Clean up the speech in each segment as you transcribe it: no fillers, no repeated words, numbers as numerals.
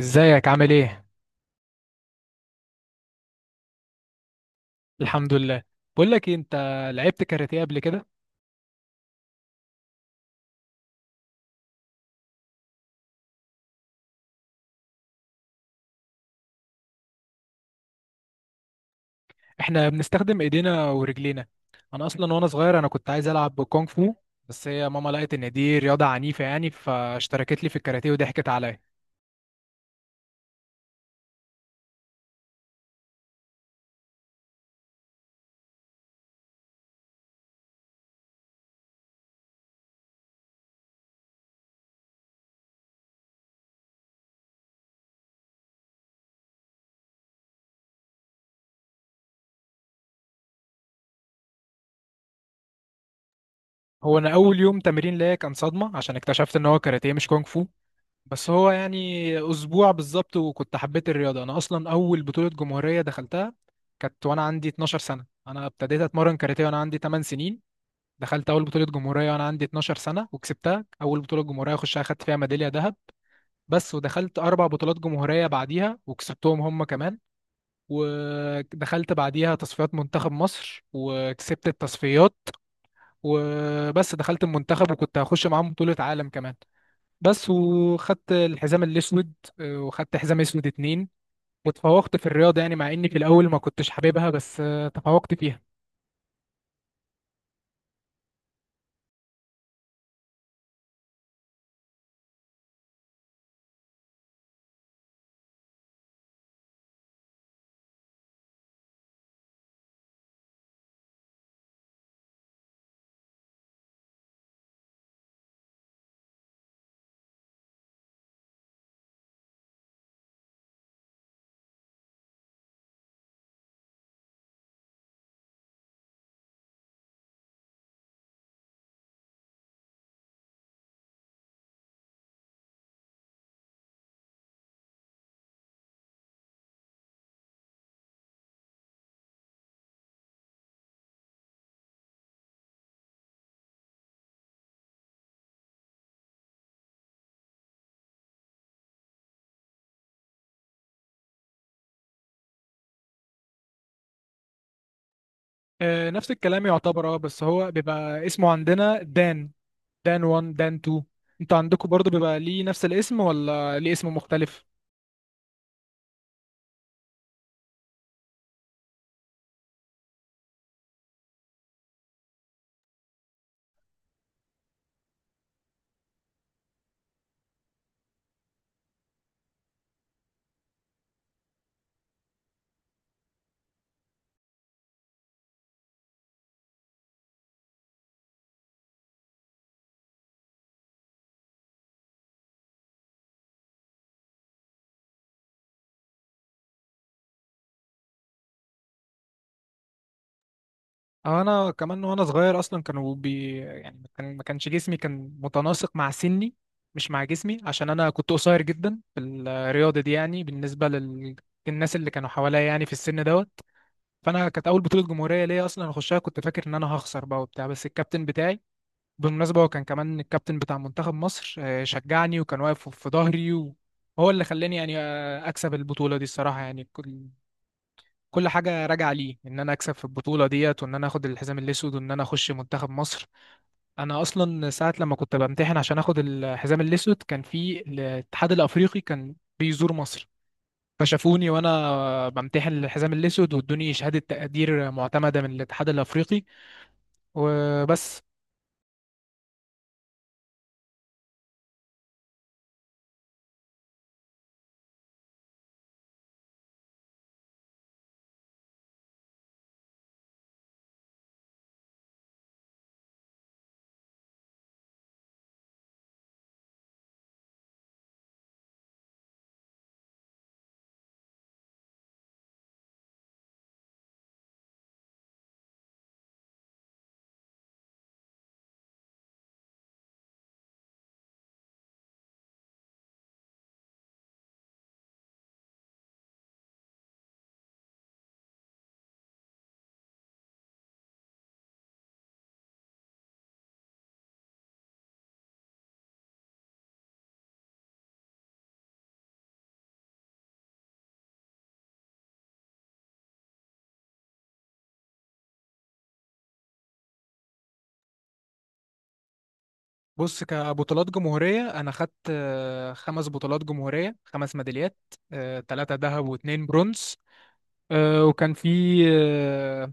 ازيك، عامل ايه؟ الحمد لله. بقول لك إيه، انت لعبت كاراتيه قبل كده؟ احنا بنستخدم ايدينا ورجلينا. انا اصلا وانا صغير كنت عايز العب كونغ فو. بس هي ماما لقت ان دي رياضه عنيفه، يعني فاشتركت لي في الكاراتيه وضحكت عليا. هو انا اول يوم تمرين ليا كان صدمه، عشان اكتشفت ان هو كاراتيه مش كونغ فو. بس هو يعني اسبوع بالظبط وكنت حبيت الرياضه. انا اصلا اول بطوله جمهوريه دخلتها كانت وانا عندي 12 سنه، انا ابتديت اتمرن كاراتيه وانا عندي 8 سنين. دخلت اول بطوله جمهوريه وانا عندي 12 سنه وكسبتها، اول بطوله جمهوريه اخشها خدت فيها ميداليه ذهب. بس ودخلت اربع بطولات جمهوريه بعديها وكسبتهم هم كمان. ودخلت بعديها تصفيات منتخب مصر وكسبت التصفيات. وبس دخلت المنتخب وكنت هخش معاهم بطوله عالم كمان. بس وخدت الحزام الاسود. آه، وخدت حزام اسود اتنين. وتفوقت في الرياضه، يعني مع اني في الاول ما كنتش حاببها بس تفوقت فيها. آه، نفس الكلام يعتبر، بس هو بيبقى اسمه عندنا دان. دان 1 دان 2. انتوا عندكم برضو بيبقى ليه نفس الاسم ولا ليه اسم مختلف؟ أه انا كمان وانا صغير اصلا كانوا بي، يعني ما كانش جسمي كان متناسق مع سني، مش مع جسمي، عشان انا كنت قصير جدا في الرياضه دي يعني بالنسبه الناس اللي كانوا حواليا يعني في السن دوت. فانا كانت اول بطوله جمهوريه ليا اصلا اخشها، كنت فاكر ان انا هخسر بقى وبتاع، بس الكابتن بتاعي بالمناسبة هو كان كمان الكابتن بتاع منتخب مصر، شجعني وكان واقف في ظهري وهو اللي خلاني، يعني أكسب البطولة دي الصراحة، يعني كل حاجة راجعة ليه إن أنا أكسب في البطولة ديت وإن أنا آخد الحزام الأسود وإن أنا أخش منتخب مصر. أنا أصلا ساعة لما كنت بمتحن عشان آخد الحزام الأسود، كان في الاتحاد الأفريقي كان بيزور مصر، فشافوني وأنا بمتحن الحزام الأسود، وادوني شهادة تقدير معتمدة من الاتحاد الأفريقي وبس. بص، كبطولات جمهورية أنا خدت خمس بطولات جمهورية، خمس ميداليات، ثلاثة ذهب واتنين برونز. آه، وكان في آه،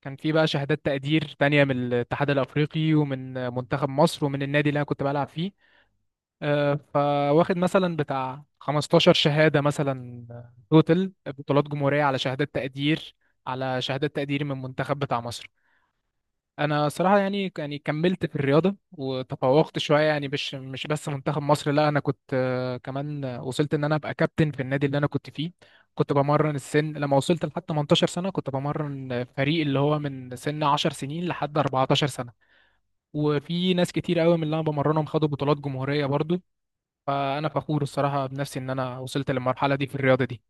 كان في بقى شهادات تقدير تانية من الاتحاد الأفريقي ومن منتخب مصر ومن النادي اللي أنا كنت بلعب فيه. فواخد مثلا بتاع 15 شهادة مثلا، توتال بطولات جمهورية على شهادات تقدير، من منتخب بتاع مصر. انا صراحه يعني كملت في الرياضه وتفوقت شويه، يعني مش بس منتخب مصر، لا انا كنت كمان وصلت ان انا ابقى كابتن في النادي اللي انا كنت فيه. كنت بمرن السن لما وصلت لحد 18 سنه، كنت بمرن فريق اللي هو من سن 10 سنين لحد 14 سنه. وفي ناس كتير قوي من اللي انا بمرنهم خدوا بطولات جمهوريه برضو. فانا فخور الصراحه بنفسي ان انا وصلت للمرحله دي في الرياضه دي.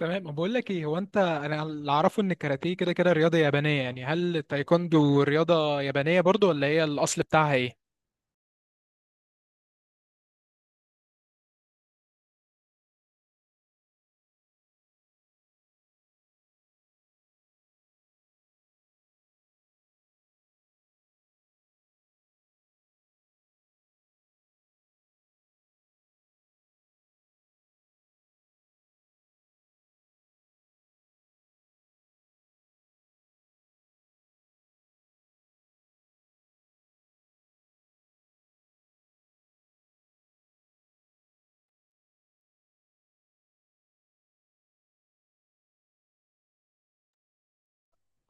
تمام. بقول لك ايه، هو انت انا اللي اعرفه ان الكاراتيه كده كده رياضه يابانيه، يعني هل التايكوندو رياضه يابانيه برضو ولا هي الاصل بتاعها ايه؟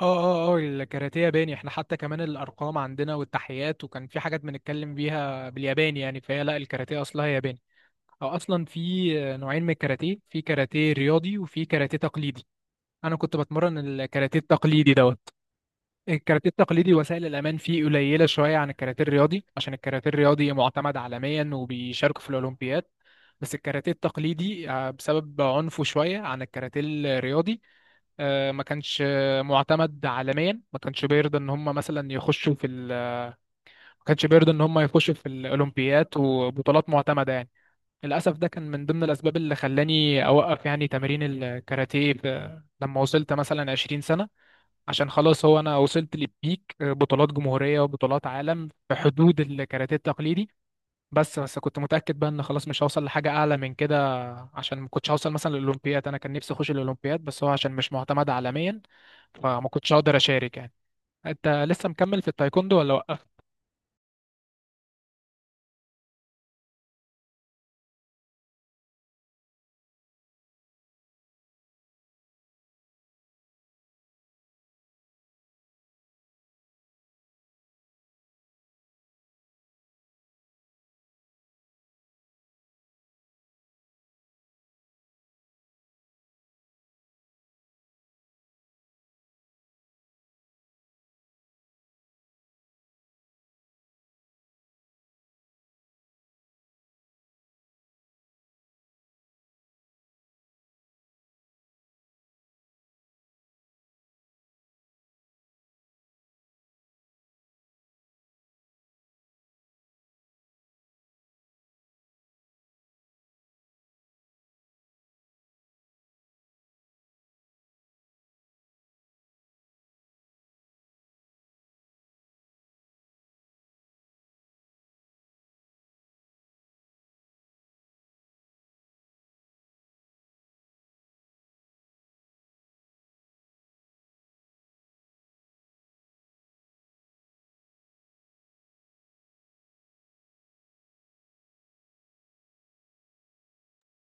اه اه اه، الكاراتيه ياباني. احنا حتى كمان الارقام عندنا والتحيات، وكان في حاجات بنتكلم بيها بالياباني، يعني فهي لا، الكاراتيه اصلها ياباني. او اصلا في نوعين من الكاراتيه، في كاراتيه رياضي وفي كاراتيه تقليدي. انا كنت بتمرن الكاراتيه التقليدي دوت. الكاراتيه التقليدي وسائل الامان فيه قليله شويه عن الكاراتيه الرياضي، عشان الكاراتيه الرياضي معتمد عالميا وبيشاركوا في الاولمبياد. بس الكاراتيه التقليدي، بسبب عنفه شويه عن الكاراتيه الرياضي، ما كانش معتمد عالميا، ما كانش بيرضى ان هم مثلا يخشوا ما كانش بيرضى ان هم يخشوا في الاولمبياد وبطولات معتمده يعني. للاسف ده كان من ضمن الاسباب اللي خلاني اوقف يعني تمارين الكاراتيه لما وصلت مثلا 20 سنه، عشان خلاص هو انا وصلت للبيك، بطولات جمهوريه وبطولات عالم في حدود الكاراتيه التقليدي. بس كنت متاكد بقى ان خلاص مش هوصل لحاجه اعلى من كده، عشان ما كنتش هوصل مثلا للاولمبياد. انا كان نفسي اخش الاولمبياد، بس هو عشان مش معتمد عالميا فما كنتش هقدر اشارك يعني. انت لسه مكمل في التايكوندو ولا وقفت؟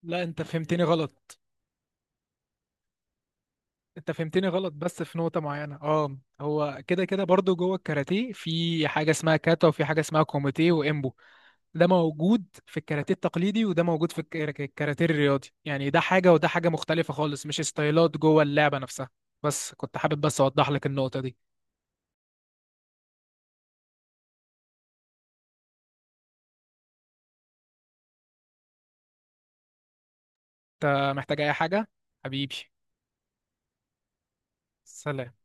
لا انت فهمتني غلط، انت فهمتني غلط بس في نقطة معينة. اه، هو كده كده برضو جوه الكاراتيه في حاجة اسمها كاتا وفي حاجة اسمها كوميتيه وامبو. ده موجود في الكاراتيه التقليدي وده موجود في الكاراتيه الرياضي، يعني ده حاجة وده حاجة مختلفة خالص، مش ستايلات جوه اللعبة نفسها. بس كنت حابب بس أوضح لك النقطة دي. أنت محتاج أي حاجة؟ حبيبي. سلام.